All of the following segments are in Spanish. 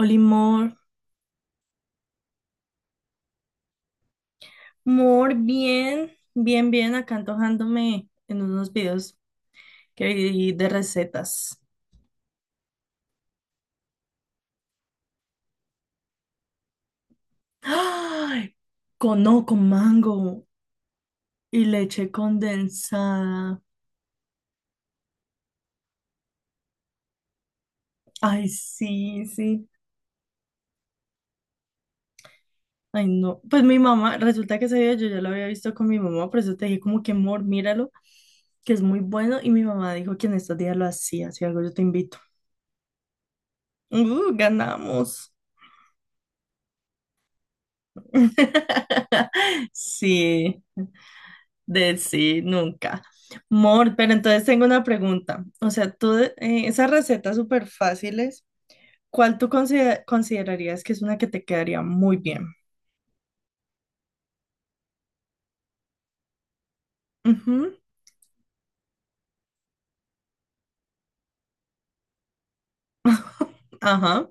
Oli Mor, Mor, bien, bien, bien, acá antojándome en unos videos que vi de recetas. ¡Ay! Con, no, con mango y leche condensada. Ay, sí, sí. Ay, no. Pues mi mamá, resulta que ese video yo ya lo había visto con mi mamá, por eso te dije como que Mor, míralo, que es muy bueno. Y mi mamá dijo que en estos días lo hacía, si algo yo te invito. Ganamos. Sí. De sí, nunca. Mor, pero entonces tengo una pregunta. O sea, tú, esas recetas súper fáciles, ¿cuál tú considerarías que es una que te quedaría muy bien? Ujú. Ajá.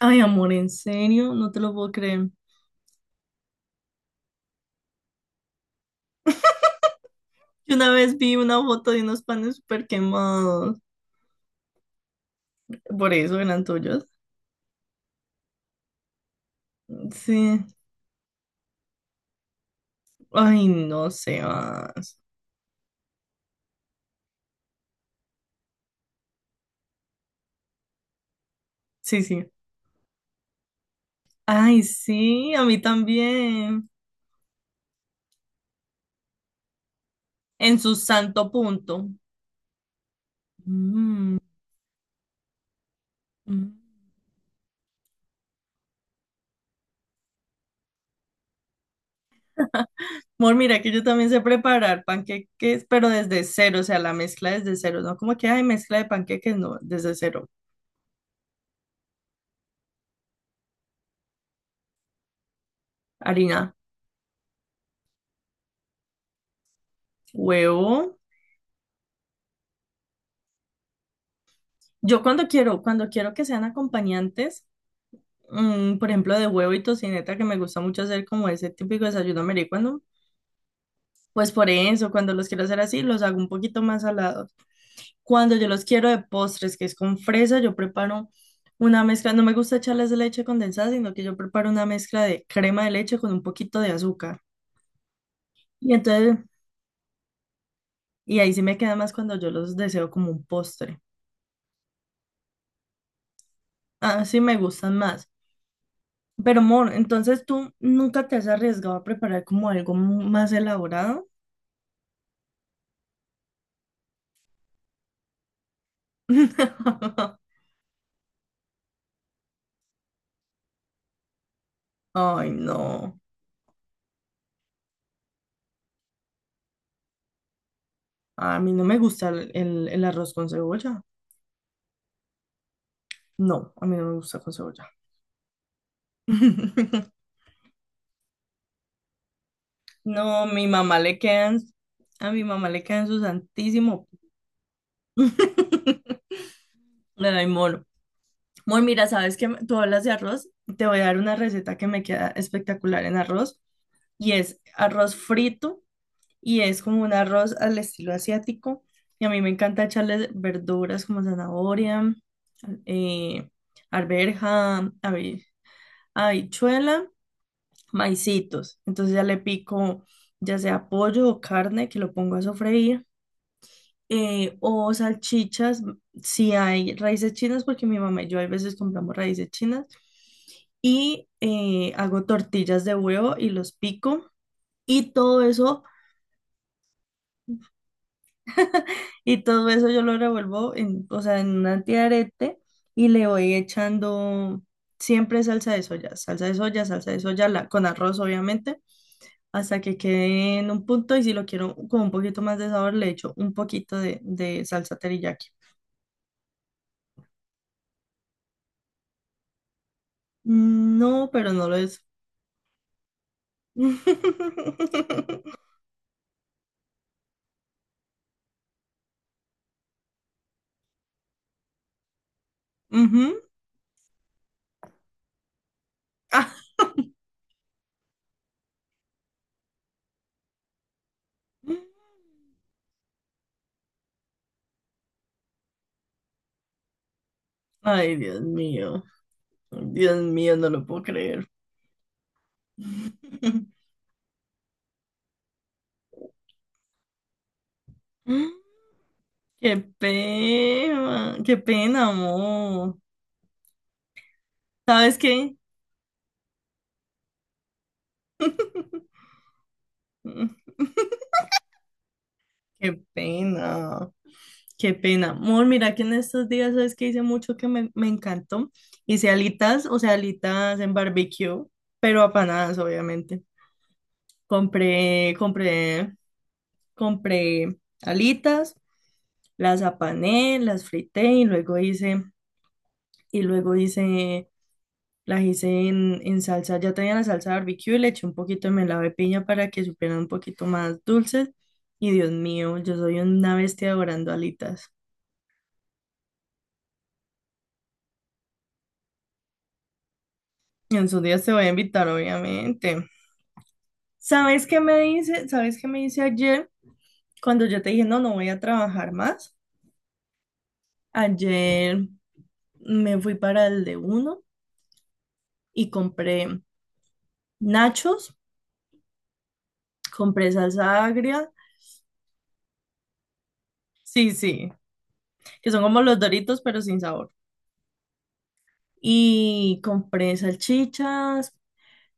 Ay, amor, ¿en serio? No te lo puedo creer. Yo una vez vi una foto de unos panes súper quemados. Por eso eran tuyos. Sí. Ay, no sé más. Sí, sí. Ay, sí, a mí también. En su santo punto. Mm. Mm. Mor, mira que yo también sé preparar panqueques, pero desde cero, o sea, la mezcla desde cero, no como que hay mezcla de panqueques, no, desde cero. Harina, huevo. Yo cuando quiero que sean acompañantes, mm, por ejemplo, de huevo y tocineta, que me gusta mucho hacer como ese típico desayuno americano, pues por eso, cuando los quiero hacer así, los hago un poquito más salados. Cuando yo los quiero de postres, que es con fresa, yo preparo una mezcla, no me gusta echarles leche condensada, sino que yo preparo una mezcla de crema de leche con un poquito de azúcar. Y entonces, y ahí sí me queda más cuando yo los deseo como un postre. Ah, sí me gustan más. Pero, amor, entonces tú nunca te has arriesgado a preparar como algo más elaborado. Ay, no. A mí no me gusta el arroz con cebolla. No, a mí no me gusta con cebolla. No, mi mamá le quedan, a mi mamá le quedan su santísimo. Le da amor. Muy, mira, sabes que tú hablas de arroz, te voy a dar una receta que me queda espectacular en arroz y es arroz frito y es como un arroz al estilo asiático y a mí me encanta echarle verduras como zanahoria, eh, arveja, habichuela, maicitos. Entonces ya le pico ya sea pollo o carne que lo pongo a sofreír, o salchichas, si hay raíces chinas, porque mi mamá y yo a veces compramos raíces chinas. Y hago tortillas de huevo y los pico. Y todo eso, y todo eso yo lo revuelvo en, o sea, en un antiarete y le voy echando siempre salsa de soya, salsa de soya, salsa de soya, con arroz obviamente, hasta que quede en un punto y si lo quiero con un poquito más de sabor le echo un poquito de salsa teriyaki. Mm, no, pero no lo he Ujú. Ah. Ay, Dios mío. Dios mío, no lo puedo creer. Qué pena, amor. ¿Sabes qué? Mm. Qué pena, qué pena. Amor, mira que en estos días, ¿sabes qué? Hice mucho que me encantó. Hice alitas, o sea, alitas en barbecue, pero apanadas, obviamente. Compré, compré, compré alitas. Las apané, las frité y y luego hice, las hice en salsa, ya tenía la salsa barbecue, y le eché un poquito de melado de piña para que supieran un poquito más dulces. Y Dios mío, yo soy una bestia adorando alitas. Y en sus días te voy a invitar, obviamente. ¿Sabes qué me dice? ¿Sabes qué me dice ayer? Cuando yo te dije, no, no voy a trabajar más. Ayer me fui para el de uno y compré nachos, compré salsa agria. Sí, sí. Que son como los Doritos, pero sin sabor. Y compré salchichas,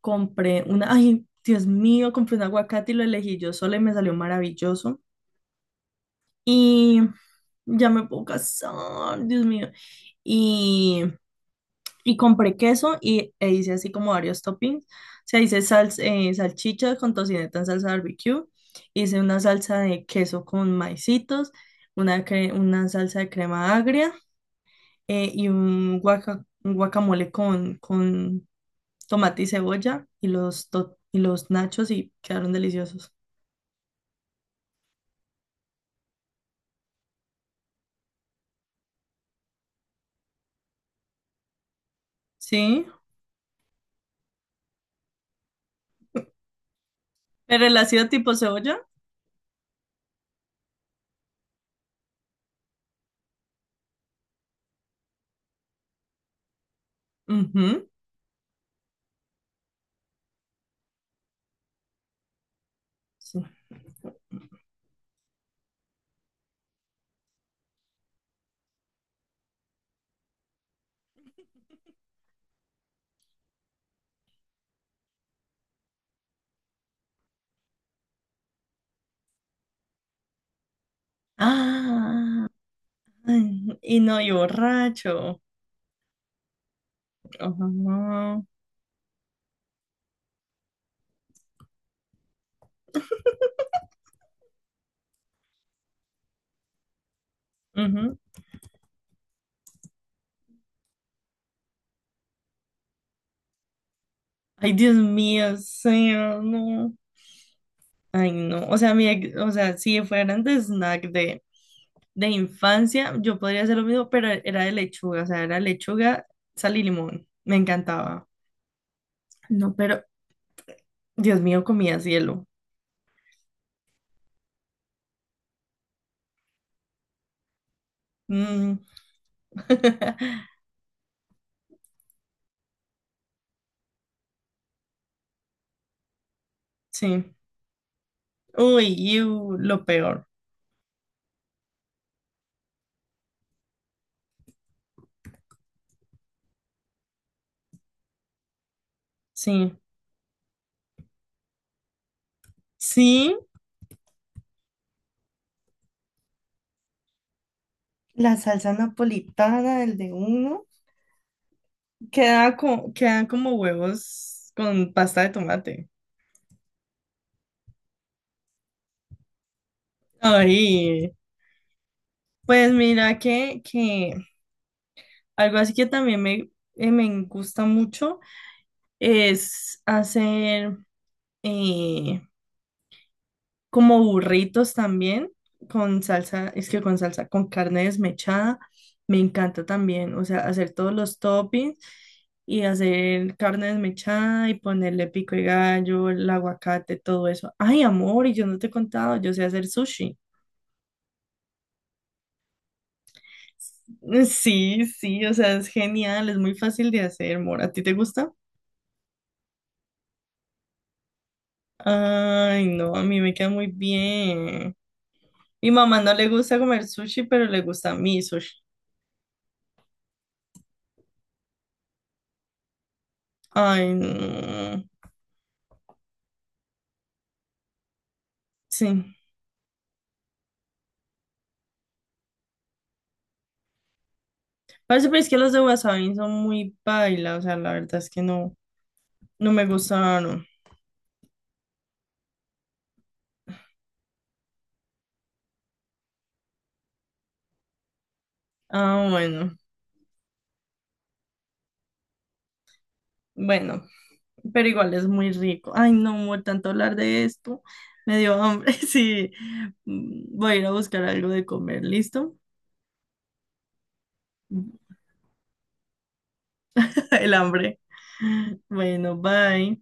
compré una, ay, Dios mío, compré un aguacate y lo elegí yo sola y me salió maravilloso. Y ya me puedo casar, Dios mío. Y, y compré queso y, e hice así como varios toppings. O sea, hice salsa, salchichas con tocineta en salsa barbecue. Hice una salsa de queso con maicitos, una, una salsa de crema agria, y un, un guacamole con tomate y cebolla y los, y los nachos y quedaron deliciosos. Sí, pero el ácido tipo cebolla. Ujú, sí. Ah, ay, y no, y borracho. Ajá, ujú. Ay, Dios mío, sí, no. Ay, no. O sea, mi, o sea, si fueran de snack de infancia, yo podría hacer lo mismo, pero era de lechuga, o sea, era lechuga, sal y limón. Me encantaba. No, pero, Dios mío, comía cielo. Mm, sí. Uy, iu, lo peor. Sí. Sí, la salsa napolitana, el de uno, queda quedan como huevos con pasta de tomate. Ay, pues mira que algo así que también me, me gusta mucho es hacer, eh, como burritos también, con salsa, es que con salsa, con carne desmechada, me encanta también, o sea, hacer todos los toppings y hacer carne desmechada y ponerle pico de gallo, el aguacate, todo eso. Ay, amor, y yo no te he contado, yo sé hacer sushi. Sí, sí, o sea, es genial, es muy fácil de hacer, amor. ¿A ti te gusta? Ay, no, a mí me queda muy bien. Mi mamá no le gusta comer sushi, pero le gusta a mí sushi. Ay, no. Sí. Parece pues que los de Wasabi son muy paila, o sea, la verdad es que no, no me gustaron. Ah, bueno, bueno, pero igual es muy rico. Ay, no, amor, tanto hablar de esto, me dio hambre. Sí, mm, voy a ir a buscar algo de comer, ¿listo? El hambre. Bueno, bye.